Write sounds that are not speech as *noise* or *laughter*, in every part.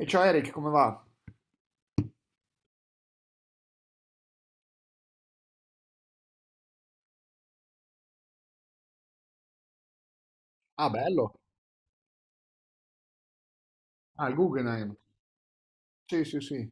E ciao Eric, come va? Ah, bello. Ah, il Guggenheim. Sì, sì, sì.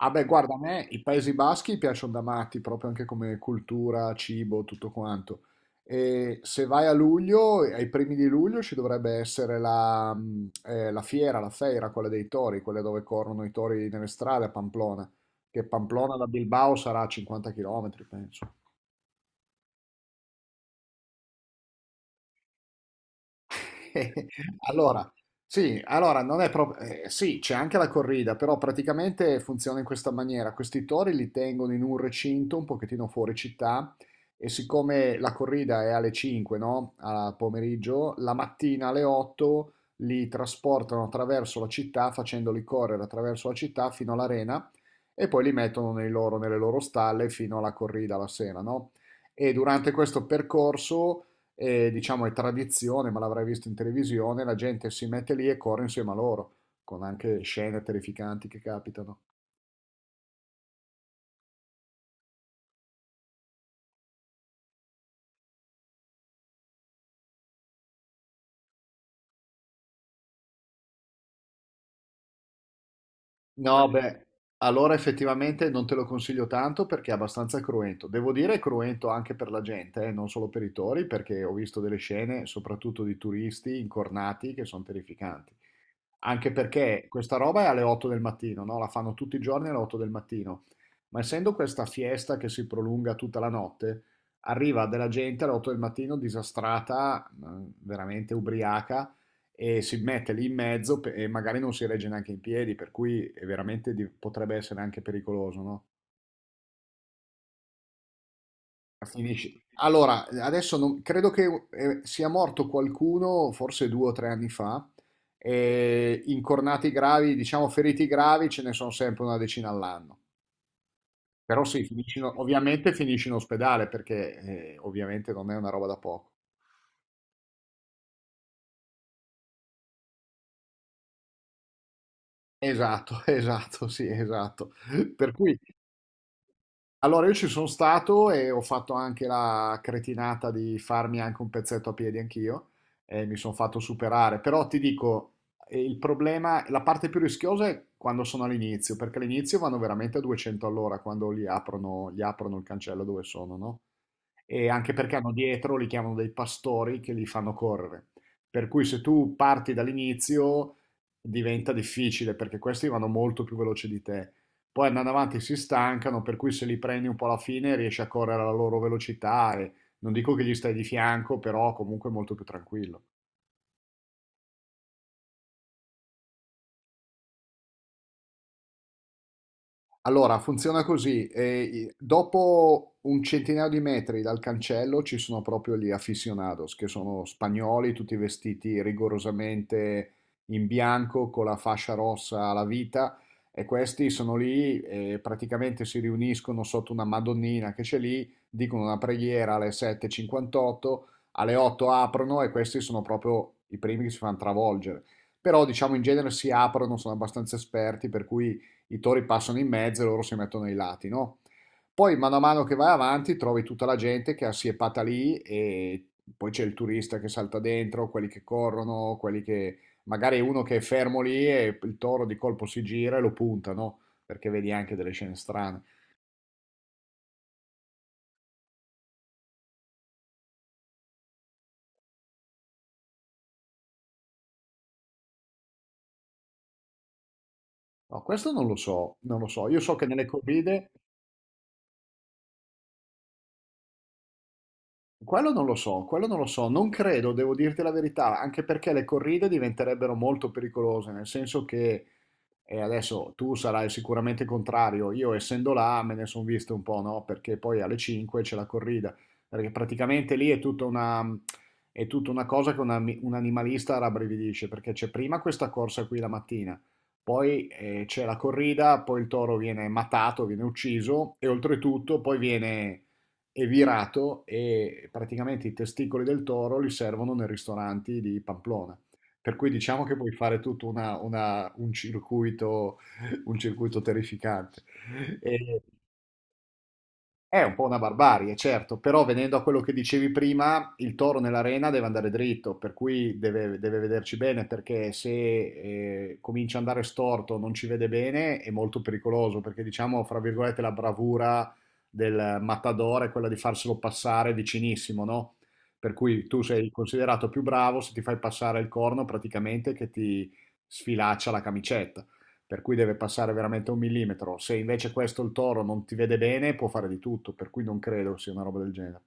Ah, beh, guarda, a me i Paesi Baschi piacciono da matti, proprio anche come cultura, cibo, tutto quanto. E se vai a luglio, ai primi di luglio, ci dovrebbe essere la fiera, la feira, quella dei tori, quella dove corrono i tori nelle strade a Pamplona, che Pamplona da Bilbao sarà a 50 km, penso. *laughs* Allora, sì, allora non è proprio, sì, c'è anche la corrida, però praticamente funziona in questa maniera. Questi tori li tengono in un recinto un pochettino fuori città e siccome la corrida è alle 5, no? Al pomeriggio, la mattina alle 8 li trasportano attraverso la città, facendoli correre attraverso la città fino all'arena e poi li mettono nelle loro stalle fino alla corrida la sera, no? E durante questo percorso e diciamo è tradizione, ma l'avrai visto in televisione, la gente si mette lì e corre insieme a loro, con anche scene terrificanti che capitano. No, bello. Beh, allora effettivamente non te lo consiglio tanto perché è abbastanza cruento. Devo dire è cruento anche per la gente, non solo per i tori, perché ho visto delle scene, soprattutto di turisti incornati, che sono terrificanti. Anche perché questa roba è alle 8 del mattino, no? La fanno tutti i giorni alle 8 del mattino. Ma essendo questa fiesta che si prolunga tutta la notte, arriva della gente alle 8 del mattino disastrata, veramente ubriaca, e si mette lì in mezzo e magari non si regge neanche in piedi, per cui è veramente potrebbe essere anche pericoloso, no? Finisci. Allora, adesso credo che sia morto qualcuno, forse 2 o 3 anni fa, e incornati gravi, diciamo feriti gravi, ce ne sono sempre una decina all'anno. Però sì, finisci ovviamente finisci in ospedale perché ovviamente non è una roba da poco. Esatto, *laughs* esatto, sì, esatto. Per cui, allora io ci sono stato e ho fatto anche la cretinata di farmi anche un pezzetto a piedi anch'io e mi sono fatto superare. Però ti dico, il problema, la parte più rischiosa è quando sono all'inizio, perché all'inizio vanno veramente a 200 all'ora quando gli aprono il cancello dove sono, no? E anche perché hanno dietro, li chiamano dei pastori che li fanno correre. Per cui se tu parti dall'inizio diventa difficile perché questi vanno molto più veloci di te. Poi andando avanti si stancano, per cui se li prendi un po' alla fine riesci a correre alla loro velocità e non dico che gli stai di fianco, però comunque molto più tranquillo. Allora, funziona così. Dopo un centinaio di metri dal cancello ci sono proprio gli aficionados, che sono spagnoli, tutti vestiti rigorosamente in bianco, con la fascia rossa alla vita, e questi sono lì e praticamente si riuniscono sotto una Madonnina che c'è lì, dicono una preghiera alle 7.58, alle 8 aprono e questi sono proprio i primi che si fanno travolgere. Però, diciamo, in genere si aprono, sono abbastanza esperti, per cui i tori passano in mezzo e loro si mettono ai lati, no? Poi mano a mano che vai avanti trovi tutta la gente che è assiepata lì e poi c'è il turista che salta dentro, quelli che corrono, quelli che magari uno che è fermo lì e il toro di colpo si gira e lo punta, no? Perché vedi anche delle scene strane. No, questo non lo so, non lo so. Io so che nelle corride, quello non lo so, quello non lo so. Non credo, devo dirti la verità, anche perché le corride diventerebbero molto pericolose, nel senso che... E adesso tu sarai sicuramente contrario. Io, essendo là, me ne sono visto un po', no? Perché poi alle 5 c'è la corrida. Perché praticamente lì è tutta una cosa che un animalista rabbrividisce. Perché c'è prima questa corsa qui la mattina, poi c'è la corrida, poi il toro viene matato, viene ucciso, e oltretutto poi viene evirato. E praticamente i testicoli del toro li servono nei ristoranti di Pamplona. Per cui diciamo che puoi fare tutto una un circuito terrificante. E è un po' una barbarie, certo, però venendo a quello che dicevi prima, il toro nell'arena deve andare dritto, per cui deve vederci bene, perché se comincia ad andare storto, non ci vede bene, è molto pericoloso, perché diciamo, fra virgolette, la bravura del matador è quella di farselo passare vicinissimo, no? Per cui tu sei considerato più bravo se ti fai passare il corno praticamente che ti sfilaccia la camicetta per cui deve passare veramente un millimetro. Se invece questo il toro non ti vede bene, può fare di tutto, per cui non credo sia una roba del genere.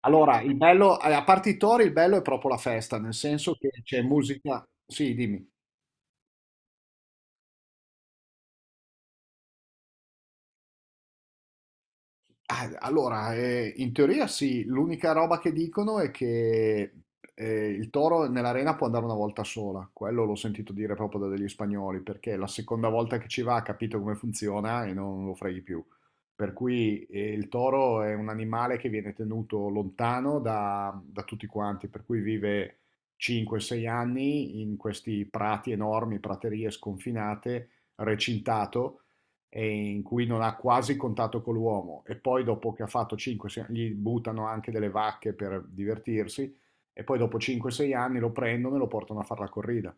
Allora, il bello, a parte i tori, il bello è proprio la festa, nel senso che c'è musica. Sì, dimmi. Ah, allora, in teoria sì, l'unica roba che dicono è che il toro nell'arena può andare una volta sola, quello l'ho sentito dire proprio da degli spagnoli, perché la seconda volta che ci va ha capito come funziona e non lo freghi più. Per cui il toro è un animale che viene tenuto lontano da tutti quanti, per cui vive 5-6 anni in questi prati enormi, praterie sconfinate, recintato e in cui non ha quasi contatto con l'uomo e poi dopo che ha fatto 5, gli buttano anche delle vacche per divertirsi e poi dopo 5-6 anni lo prendono e lo portano a fare la corrida.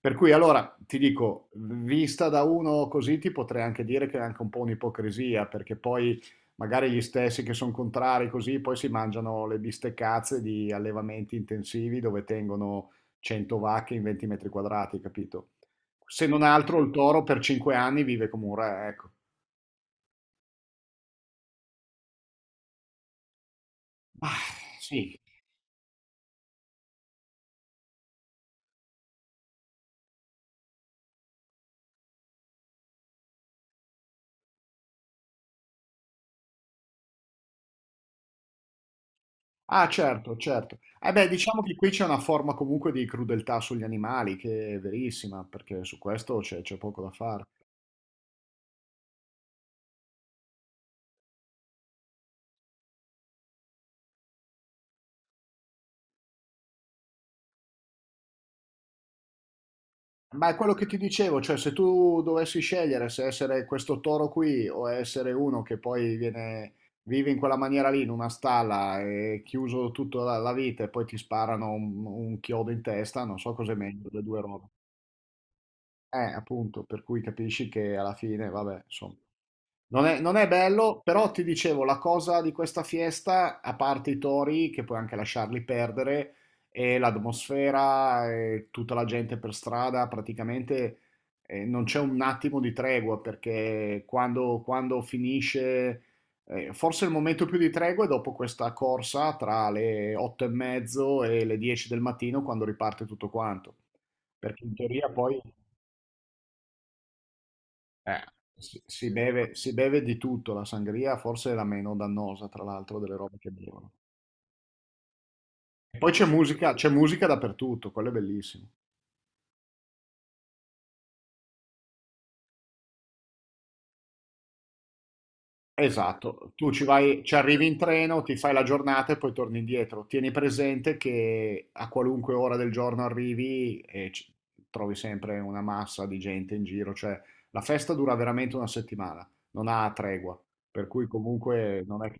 Per cui allora ti dico, vista da uno così ti potrei anche dire che è anche un po' un'ipocrisia perché poi magari gli stessi che sono contrari così poi si mangiano le bisteccazze di allevamenti intensivi dove tengono 100 vacche in 20 metri quadrati, capito? Se non altro il toro per 5 anni vive come un re, ecco. Ah, sì. Ah, certo, certo. Eh beh, diciamo che qui c'è una forma comunque di crudeltà sugli animali, che è verissima, perché su questo c'è poco da fare. Ma è quello che ti dicevo, cioè se tu dovessi scegliere se essere questo toro qui o essere uno che poi viene, vive in quella maniera lì, in una stalla, e chiuso tutta la vita e poi ti sparano un chiodo in testa, non so cos'è meglio delle due robe. Appunto, per cui capisci che alla fine, vabbè, insomma. Non è bello, però ti dicevo, la cosa di questa fiesta, a parte i tori, che puoi anche lasciarli perdere, e l'atmosfera, e tutta la gente per strada, praticamente non c'è un attimo di tregua, perché quando finisce, forse il momento più di tregua è dopo questa corsa tra le 8:30 e le 10 del mattino, quando riparte tutto quanto. Perché in teoria poi... Eh, si beve di tutto, la sangria forse è la meno dannosa, tra l'altro, delle robe che bevono. E poi c'è musica dappertutto, quello è bellissimo. Esatto, tu ci vai, ci arrivi in treno, ti fai la giornata e poi torni indietro. Tieni presente che a qualunque ora del giorno arrivi e trovi sempre una massa di gente in giro, cioè la festa dura veramente una settimana, non ha tregua, per cui comunque non è che...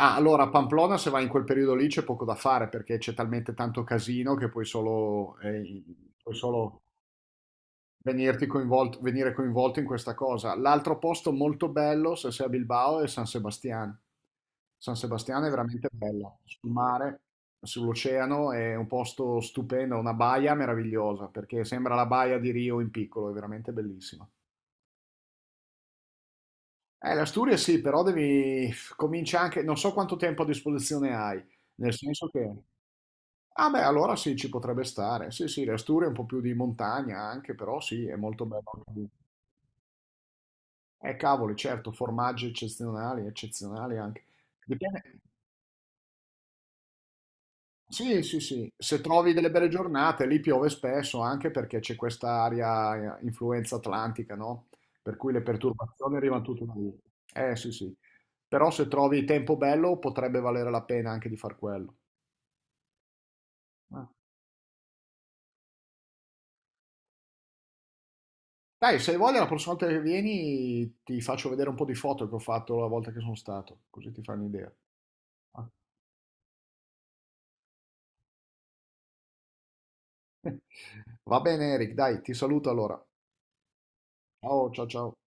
Ah, allora a Pamplona se vai in quel periodo lì c'è poco da fare perché c'è talmente tanto casino che puoi solo venire coinvolto in questa cosa. L'altro posto molto bello, se sei a Bilbao, è San Sebastian. San Sebastian è veramente bella, sul mare, sull'oceano, è un posto stupendo, una baia meravigliosa perché sembra la baia di Rio in piccolo, è veramente bellissima. l'Asturia sì, però devi comincia anche, non so quanto tempo a disposizione hai, nel senso che... Ah beh, allora sì, ci potrebbe stare. Sì, sì, le Asturie è un po' più di montagna anche, però sì, è molto bello. Cavoli, certo, formaggi eccezionali, eccezionali anche. Dipende. Sì, sì, sì. Se trovi delle belle giornate, lì piove spesso anche perché c'è questa aria influenza atlantica, no? Per cui le perturbazioni arrivano tutte da lì. Eh sì, sì. Però se trovi tempo bello, potrebbe valere la pena anche di far quello. Ah. Dai, se hai voglia, la prossima volta che vieni ti faccio vedere un po' di foto che ho fatto la volta che sono stato, così ti fai un'idea. *laughs* Va bene, Eric, dai, ti saluto allora. Ciao, ciao, ciao.